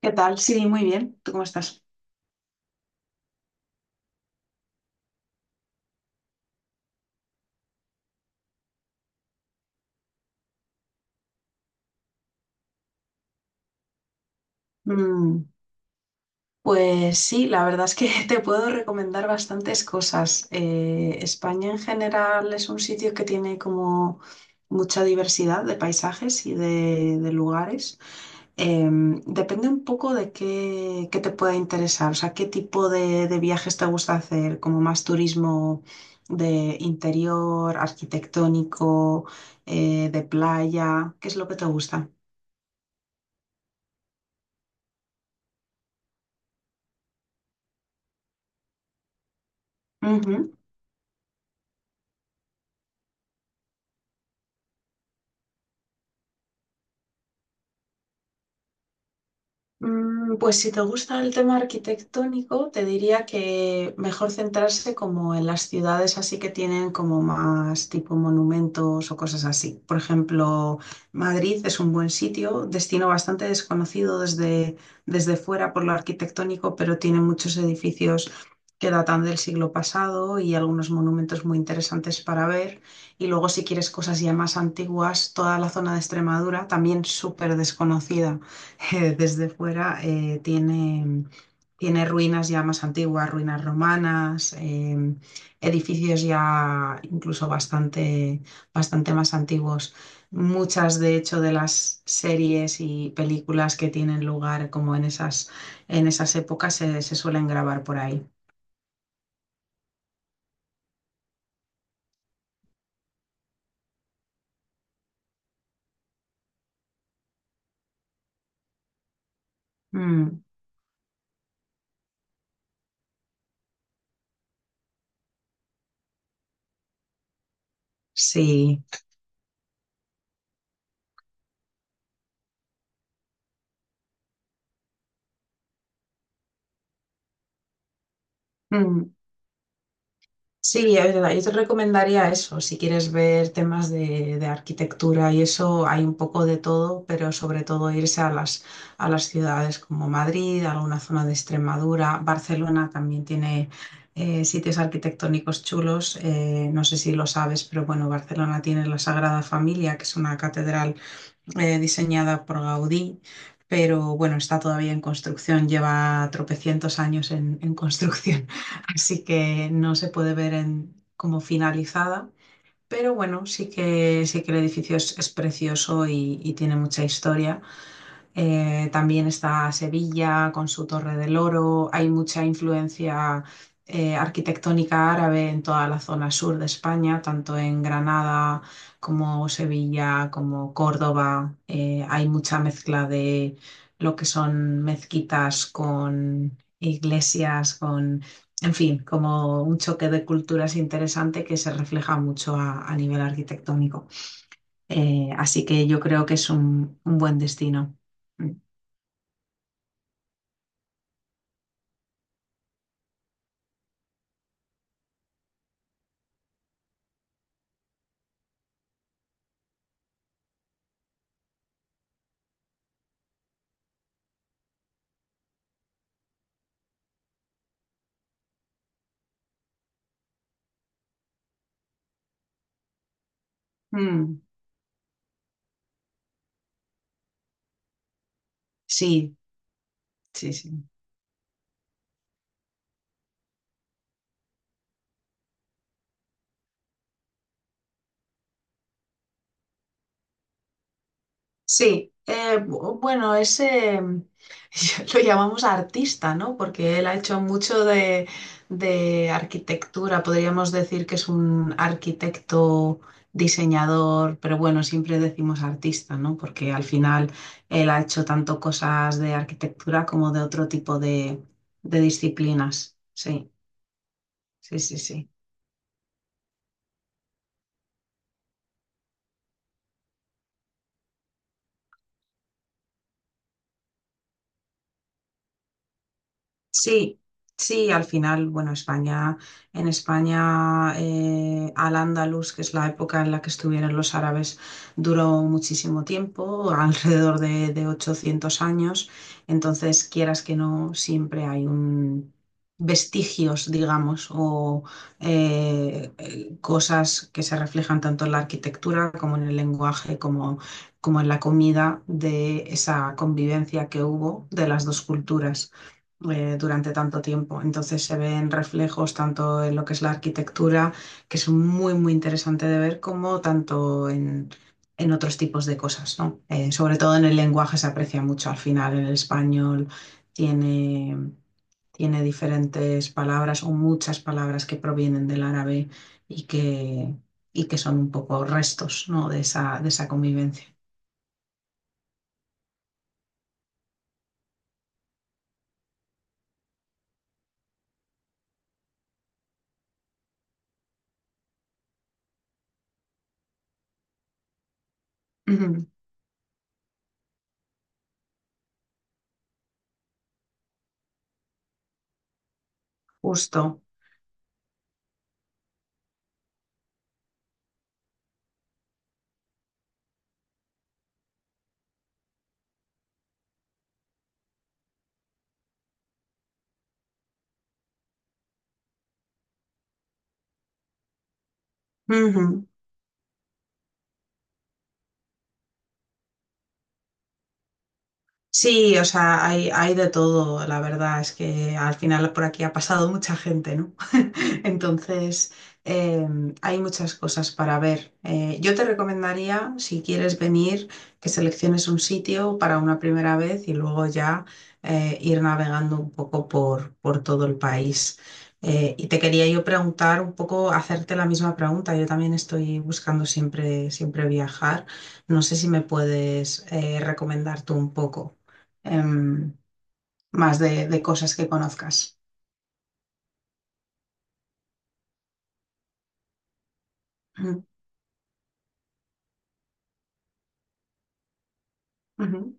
¿Qué tal? Sí, muy bien. ¿Tú cómo estás? Mm, pues sí, la verdad es que te puedo recomendar bastantes cosas. España en general es un sitio que tiene como mucha diversidad de paisajes y de lugares. Depende un poco de qué te pueda interesar, o sea, qué tipo de viajes te gusta hacer, como más turismo de interior, arquitectónico, de playa, ¿qué es lo que te gusta? Mm, pues si te gusta el tema arquitectónico, te diría que mejor centrarse como en las ciudades así que tienen como más tipo monumentos o cosas así. Por ejemplo, Madrid es un buen sitio, destino bastante desconocido desde fuera por lo arquitectónico, pero tiene muchos edificios que datan del siglo pasado y algunos monumentos muy interesantes para ver. Y luego si quieres cosas ya más antiguas, toda la zona de Extremadura también súper desconocida. Desde fuera, tiene ruinas ya más antiguas, ruinas romanas, edificios ya incluso bastante más antiguos. Muchas, de hecho, de las series y películas que tienen lugar como en en esas épocas se suelen grabar por ahí. Mm, sí. Mm. Sí, es verdad, yo te recomendaría eso, si quieres ver temas de arquitectura y eso, hay un poco de todo, pero sobre todo irse a a las ciudades como Madrid, alguna zona de Extremadura, Barcelona también tiene sitios arquitectónicos chulos, no sé si lo sabes, pero bueno, Barcelona tiene la Sagrada Familia, que es una catedral diseñada por Gaudí, pero bueno, está todavía en construcción, lleva tropecientos años en construcción, así que no se puede ver como finalizada. Pero bueno, sí que el edificio es precioso y tiene mucha historia. También está Sevilla con su Torre del Oro. Hay mucha influencia arquitectónica árabe en toda la zona sur de España, tanto en Granada como Sevilla, como Córdoba. Hay mucha mezcla de lo que son mezquitas con iglesias, con, en fin, como un choque de culturas interesante que se refleja mucho a nivel arquitectónico. Así que yo creo que es un buen destino. Mm. Mm, sí, sí, sí. Sí, bueno, ese lo llamamos artista, ¿no? Porque él ha hecho mucho de arquitectura, podríamos decir que es un arquitecto, diseñador, pero bueno, siempre decimos artista, ¿no? Porque al final él ha hecho tanto cosas de arquitectura como de otro tipo de disciplinas. Sí, sí, sí, sí. Sí, sí, al final, bueno, en España, Al-Ándalus, que es la época en la que estuvieron los árabes, duró muchísimo tiempo, alrededor de 800 años. Entonces, quieras que no, siempre hay un vestigios, digamos, o cosas que se reflejan tanto en la arquitectura como en el lenguaje, como, como en la comida de esa convivencia que hubo de las dos culturas durante tanto tiempo. Entonces se ven reflejos tanto en lo que es la arquitectura, que es muy, muy interesante de ver, como tanto en otros tipos de cosas, ¿no? Sobre todo en el lenguaje se aprecia mucho. Al final el español tiene, tiene diferentes palabras o muchas palabras que provienen del árabe y que, y que son un poco restos, ¿no? de de esa convivencia. Ujú. Justo. Ujú. Sí, o sea, hay de todo, la verdad es que al final por aquí ha pasado mucha gente, ¿no? Entonces, eh, hay muchas cosas para ver. Yo te recomendaría, si quieres venir, que selecciones un sitio para una primera vez y luego ya ir navegando un poco por todo el país. Y te quería yo preguntar un poco, hacerte la misma pregunta. Yo también estoy buscando siempre viajar. No sé si me puedes recomendar tú un poco em, más de cosas que conozcas. Ujú, ujú.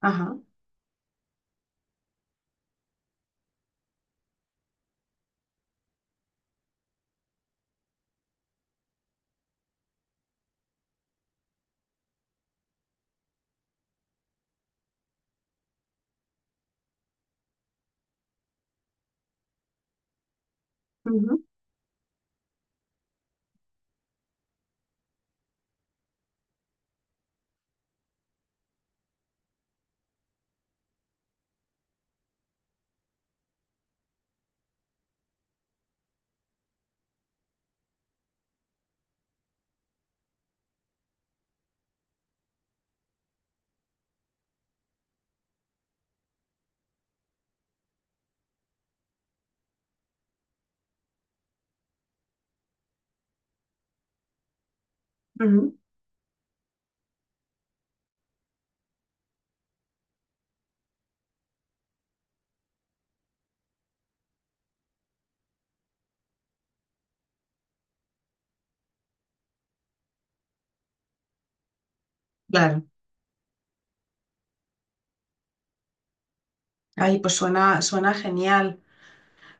Ajá. Ujú, ujú. Claro. Ay, pues suena genial.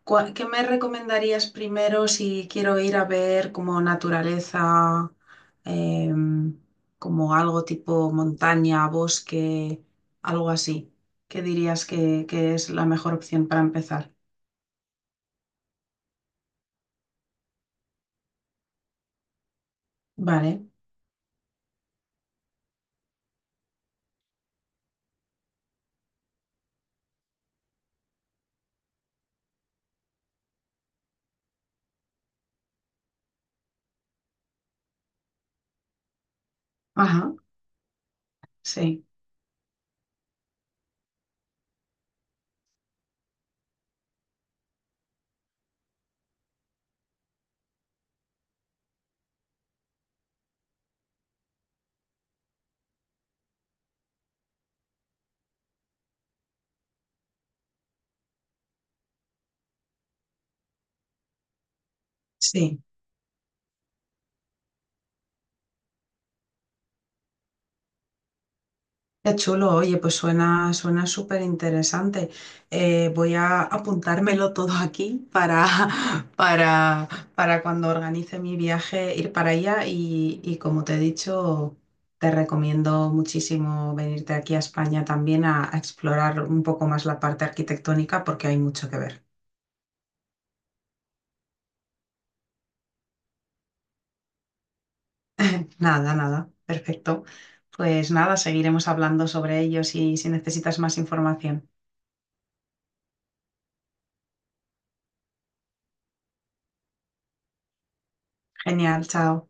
¿Qué me recomendarías primero si quiero ir a ver como naturaleza, em, como algo tipo montaña, bosque, algo así? ¿Qué dirías que es la mejor opción para empezar? Vale. Ajá. Sí. Sí. Qué chulo, oye, pues suena súper interesante. Voy a apuntármelo todo aquí para, para, para cuando organice mi viaje ir para allá y como te he dicho, te recomiendo muchísimo venirte aquí a España también a explorar un poco más la parte arquitectónica porque hay mucho que ver. Nada, nada, perfecto. Pues nada, seguiremos hablando sobre ello si necesitas más información. Genial, chao.